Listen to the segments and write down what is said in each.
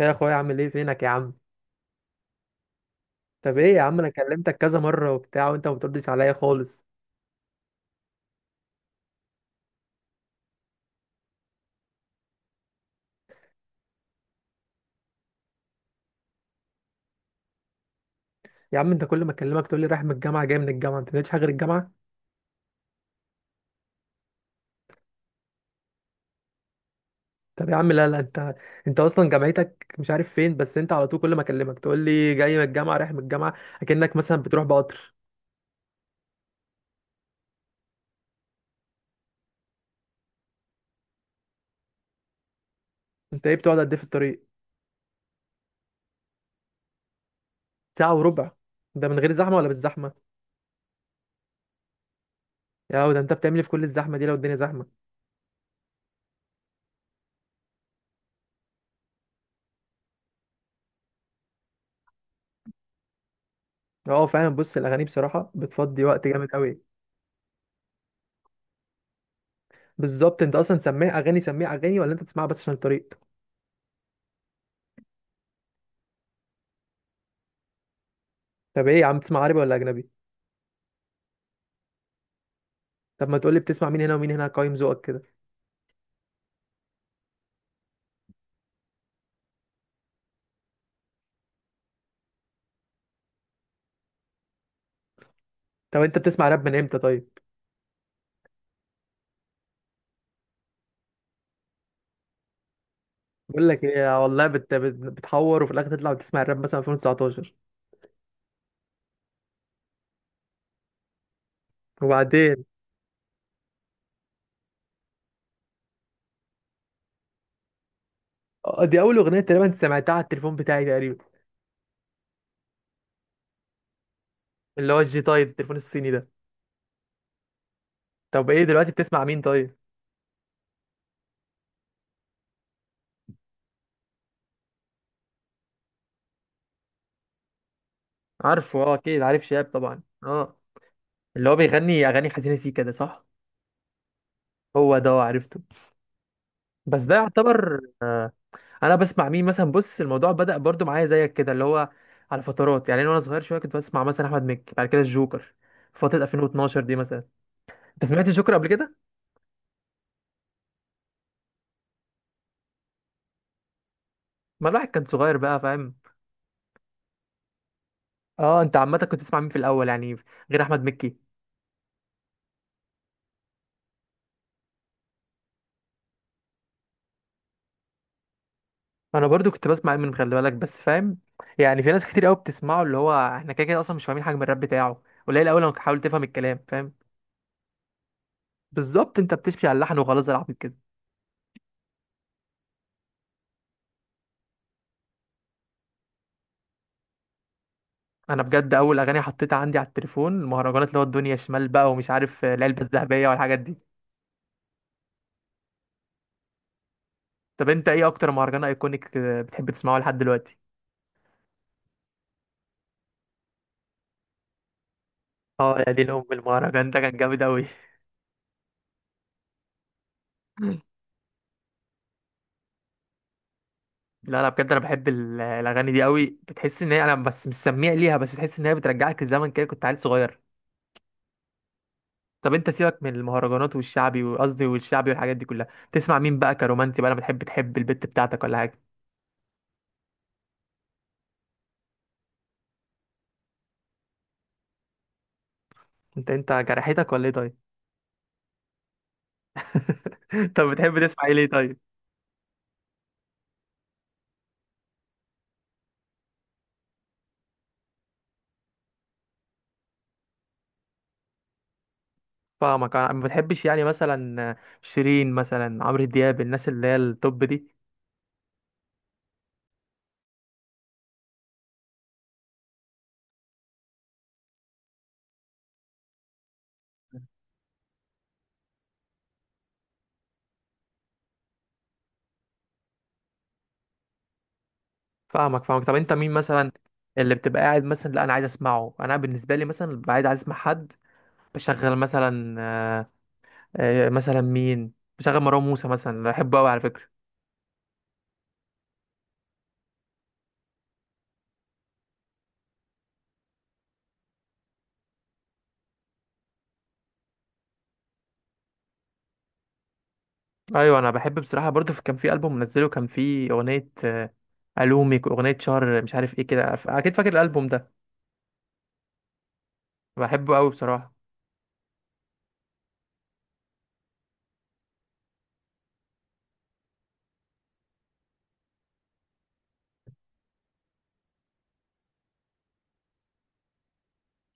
يا اخويا عامل ايه فينك يا عم؟ طب ايه يا عم، انا كلمتك كذا مره وبتاع وانت ما بتردش عليا خالص. يا عم، انت كل ما اكلمك تقول لي رايح من الجامعه جاي من الجامعه، انت ما بتعملش حاجه غير الجامعه؟ طب يا عم، لا انت، انت اصلا جامعتك مش عارف فين، بس انت على طول كل ما اكلمك تقول لي جاي من الجامعه رايح من الجامعه، اكنك مثلا بتروح بقطر. انت ايه بتقعد قد ايه في الطريق؟ ساعه وربع؟ ده من غير زحمه ولا بالزحمه؟ يا ده انت بتعمل إيه في كل الزحمه دي لو الدنيا زحمه؟ اه فاهم. بص، الاغاني بصراحه بتفضي وقت جامد قوي. بالظبط، انت اصلا سميع اغاني سميع اغاني ولا انت بتسمعها بس عشان الطريق؟ طب ايه يا عم، بتسمع عربي ولا اجنبي؟ طب ما تقولي بتسمع مين هنا ومين هنا، قايم ذوقك كده. طب انت بتسمع راب من امتى طيب؟ بقول لك ايه والله، بتحور وفي الاخر تطلع بتسمع الراب مثلا 2019؟ وبعدين؟ دي اول اغنيه تقريبا سمعتها على التليفون بتاعي تقريبا. اللي هو الجي تايد، التليفون الصيني ده. طب ايه دلوقتي بتسمع مين طيب؟ عارفه؟ اه اكيد عارف شهاب طبعا، اه. اللي هو بيغني اغاني حزينه، سيكا ده صح؟ هو ده، عرفته. بس ده يعتبر انا بسمع مين مثلا؟ بص، الموضوع بدأ برضو معايا زيك كده، اللي هو على فترات يعني. انا وانا صغير شويه كنت بسمع مثلا احمد مكي، بعد كده الجوكر، في فتره 2012 دي مثلا. انت سمعت الجوكر قبل كده؟ ما الواحد كان صغير بقى، فاهم. اه، انت عامه كنت بتسمع مين في الاول يعني، غير احمد مكي؟ انا برضو كنت بسمع من خلي بالك، بس فاهم، يعني في ناس كتير قوي بتسمعه. اللي هو احنا كده كده اصلا مش فاهمين حاجه من الراب بتاعه، قليل قوي لما تحاول تفهم الكلام، فاهم. بالظبط، انت بتشبي على اللحن وخلاص، العبط كده. انا بجد اول اغاني حطيتها عندي على التليفون المهرجانات، اللي هو الدنيا شمال بقى ومش عارف العلبه الذهبيه والحاجات دي. طب انت ايه اكتر مهرجان ايكونيك بتحب تسمعه لحد دلوقتي؟ اه يا دي الام، المهرجان ده كان جامد قوي. لا انا بجد انا بحب الاغاني دي قوي. بتحس ان هي، انا بس مش سميع ليها، بس تحس ان هي بترجعك لزمن كده كنت عيل صغير. طب انت سيبك من المهرجانات والشعبي، وقصدي والشعبي والحاجات دي كلها، تسمع مين بقى كرومانسي بقى لما بتحب تحب البت بتاعتك ولا حاجه؟ انت جرحتك ولا ايه طيب؟ طب بتحب تسمع ايه ليه طيب؟ فاهمك. انا ما بتحبش يعني مثلا شيرين مثلا، عمرو دياب، الناس اللي هي التوب دي؟ فاهمك. طب انت مين مثلا اللي بتبقى قاعد مثلا، لا انا عايز اسمعه، انا بالنسبه لي مثلا ببقى قاعد عايز اسمع حد، بشغل مثلا مثلا مين، بشغل مروان موسى مثلا، بحبه قوي على فكره. ايوه انا بحب بصراحه برضه كان في البوم منزله، كان في اغنيه الومك واغنيه شهر مش عارف ايه كده، اكيد فاكر الالبوم ده. بحبه قوي بصراحه.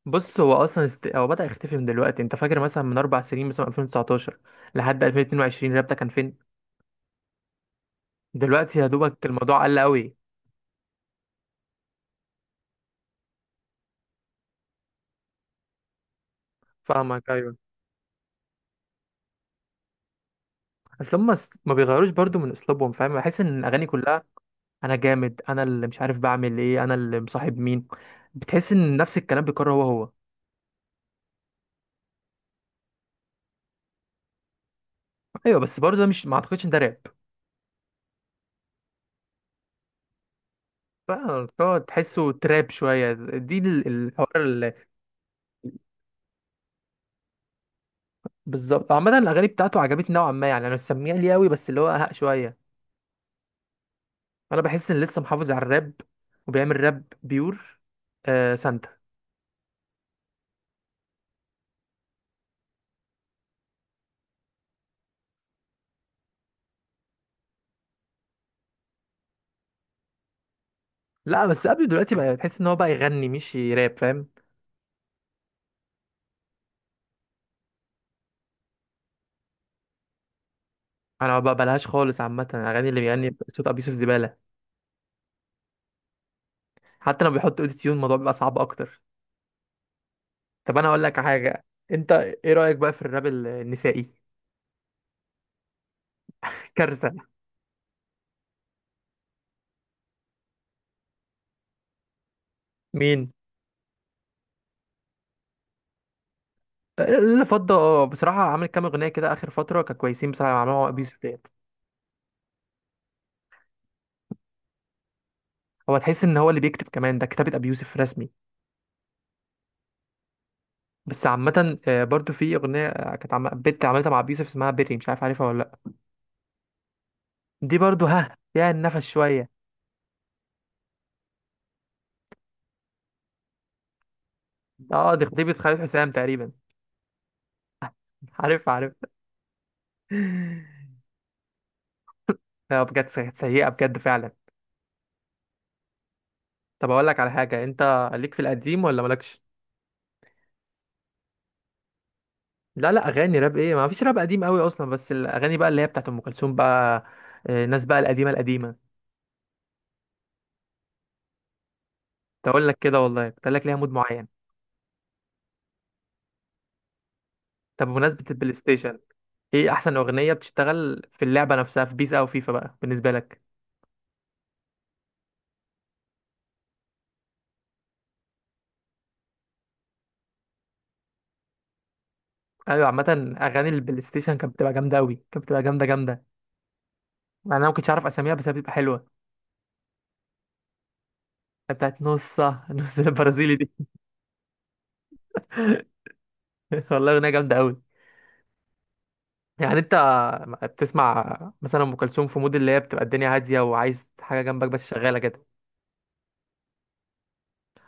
بص، هو اصلا هو بدأ يختفي من دلوقتي. انت فاكر مثلا من اربع سنين مثلا 2019 لحد 2022 رابطه كان فين؟ دلوقتي يا دوبك الموضوع قل قوي. فاهمك ايوه. اصل هم ما بيغيروش برضو من اسلوبهم، فاهم. بحس ان الاغاني كلها، انا جامد انا اللي مش عارف بعمل ايه، انا اللي مصاحب مين. بتحس ان نفس الكلام بيكرر هو هو. ايوه، بس برضو ده مش، ما اعتقدش ان ده راب. فهو تحسه تراب شويه، دي الحوار اللي. بالظبط. عامه الاغاني بتاعته عجبتني نوعا ما يعني، انا مش سميع ليه قوي، بس اللي هو اهق شويه. انا بحس ان لسه محافظ على الراب، وبيعمل راب بيور. آه سانتا. لا بس ابيو دلوقتي بقى تحس ان هو بقى يغني مش راب، فاهم. انا ما بقبلهاش خالص. عامه الاغاني اللي بيغني صوت ابي يوسف زباله. حتى لما بيحط اوتو تيون الموضوع بيبقى صعب اكتر. طب انا اقول لك حاجه، انت ايه رايك بقى في الراب النسائي؟ كارثه. مين اللي فضه؟ اه بصراحه عامل كام اغنيه كده اخر فتره، كانوا كويسين بصراحه اللي عملوها ابي يوسف ديت. هو تحس ان هو اللي بيكتب كمان، ده كتابه ابي يوسف رسمي. بس عامة برضو في أغنية كانت بنت عملتها مع أبي يوسف اسمها بيري، مش عارف عارفها ولا لأ. دي برضو ها فيها النفس شوية. اه دي خطيبة خالد حسام تقريبا. عارف عارف لا بجد كانت سيئة بجد فعلا. طب أقول لك على حاجة، أنت ليك في القديم ولا مالكش؟ لا لا أغاني راب إيه، ما فيش راب قديم قوي أصلا، بس الأغاني بقى اللي هي بتاعت أم كلثوم بقى. الناس بقى القديمة القديمة. تقول لك كده والله، تقول لك ليها مود معين. طب بمناسبة البلاي ستيشن، إيه أحسن أغنية بتشتغل في اللعبة نفسها في بيس أو فيفا بقى بالنسبة لك؟ ايوه عامة اغاني البلاي ستيشن كانت بتبقى جامدة اوي، كانت بتبقى جامدة. مع إن انا ما كنتش عارف اساميها، بس هي بتبقى حلوة. بتاعت نص نص البرازيلي دي. والله اغنية جامدة اوي. يعني انت بتسمع مثلا ام كلثوم في مود اللي هي بتبقى الدنيا هادية وعايز حاجة جنبك بس شغالة كده؟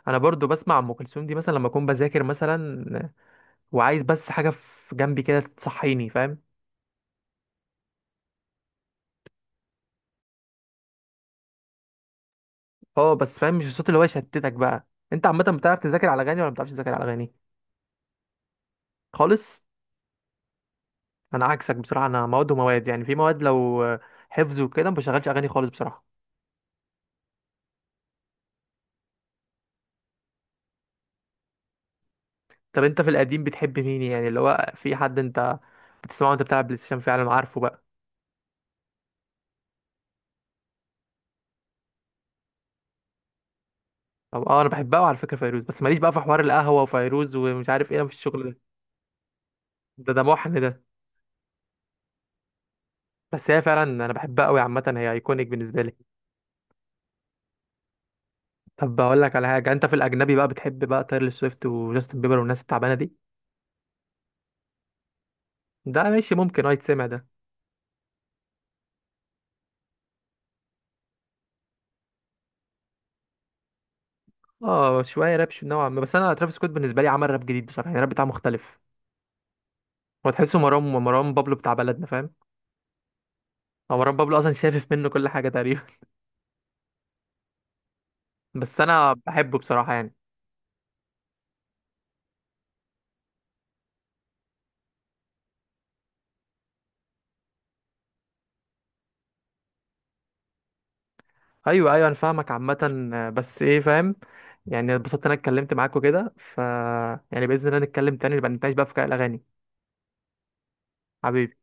انا برضو بسمع ام كلثوم دي مثلا لما اكون بذاكر مثلا، وعايز بس حاجة في جنبي كده تصحيني، فاهم. اه بس فاهم مش الصوت اللي هو يشتتك بقى. انت عامة بتعرف تذاكر على اغاني ولا ما بتعرفش تذاكر على اغاني خالص؟ انا عكسك بصراحه، انا مواد ومواد يعني، في مواد لو حفظ وكده ما بشغلش اغاني خالص بصراحه. طب انت في القديم بتحب مين يعني، اللي هو في حد انت بتسمعه وانت بتلعب بلاي ستيشن فعلا عارفه بقى؟ طب اه انا بحبها، وعلى فكره فيروز بس ماليش بقى في حوار القهوه وفيروز ومش عارف ايه، أنا في الشغل ده. ده محن ده. بس هي فعلا انا بحبها قوي، عامه هي ايكونيك بالنسبه لي. طب بقول لك على حاجه، انت في الاجنبي بقى بتحب بقى تايلور سويفت وجاستن بيبر والناس التعبانه دي؟ ده ماشي ممكن اه يتسمع ده. اه شويه راب، نوعا ما، بس انا ترافيس سكوت بالنسبه لي عمل راب جديد بصراحه يعني، الراب بتاعه مختلف. هو تحسه مروان، مروان بابلو بتاع بلدنا، فاهم. هو مروان بابلو اصلا شافف منه كل حاجه تقريبا. بس انا بحبه بصراحه يعني. ايوه انا فاهمك. عامه بس ايه فاهم، يعني اتبسطت إن انا اتكلمت معاك وكده، ف يعني باذن الله نتكلم تاني، نبقى نتناقش بقى في الاغاني. حبيبي.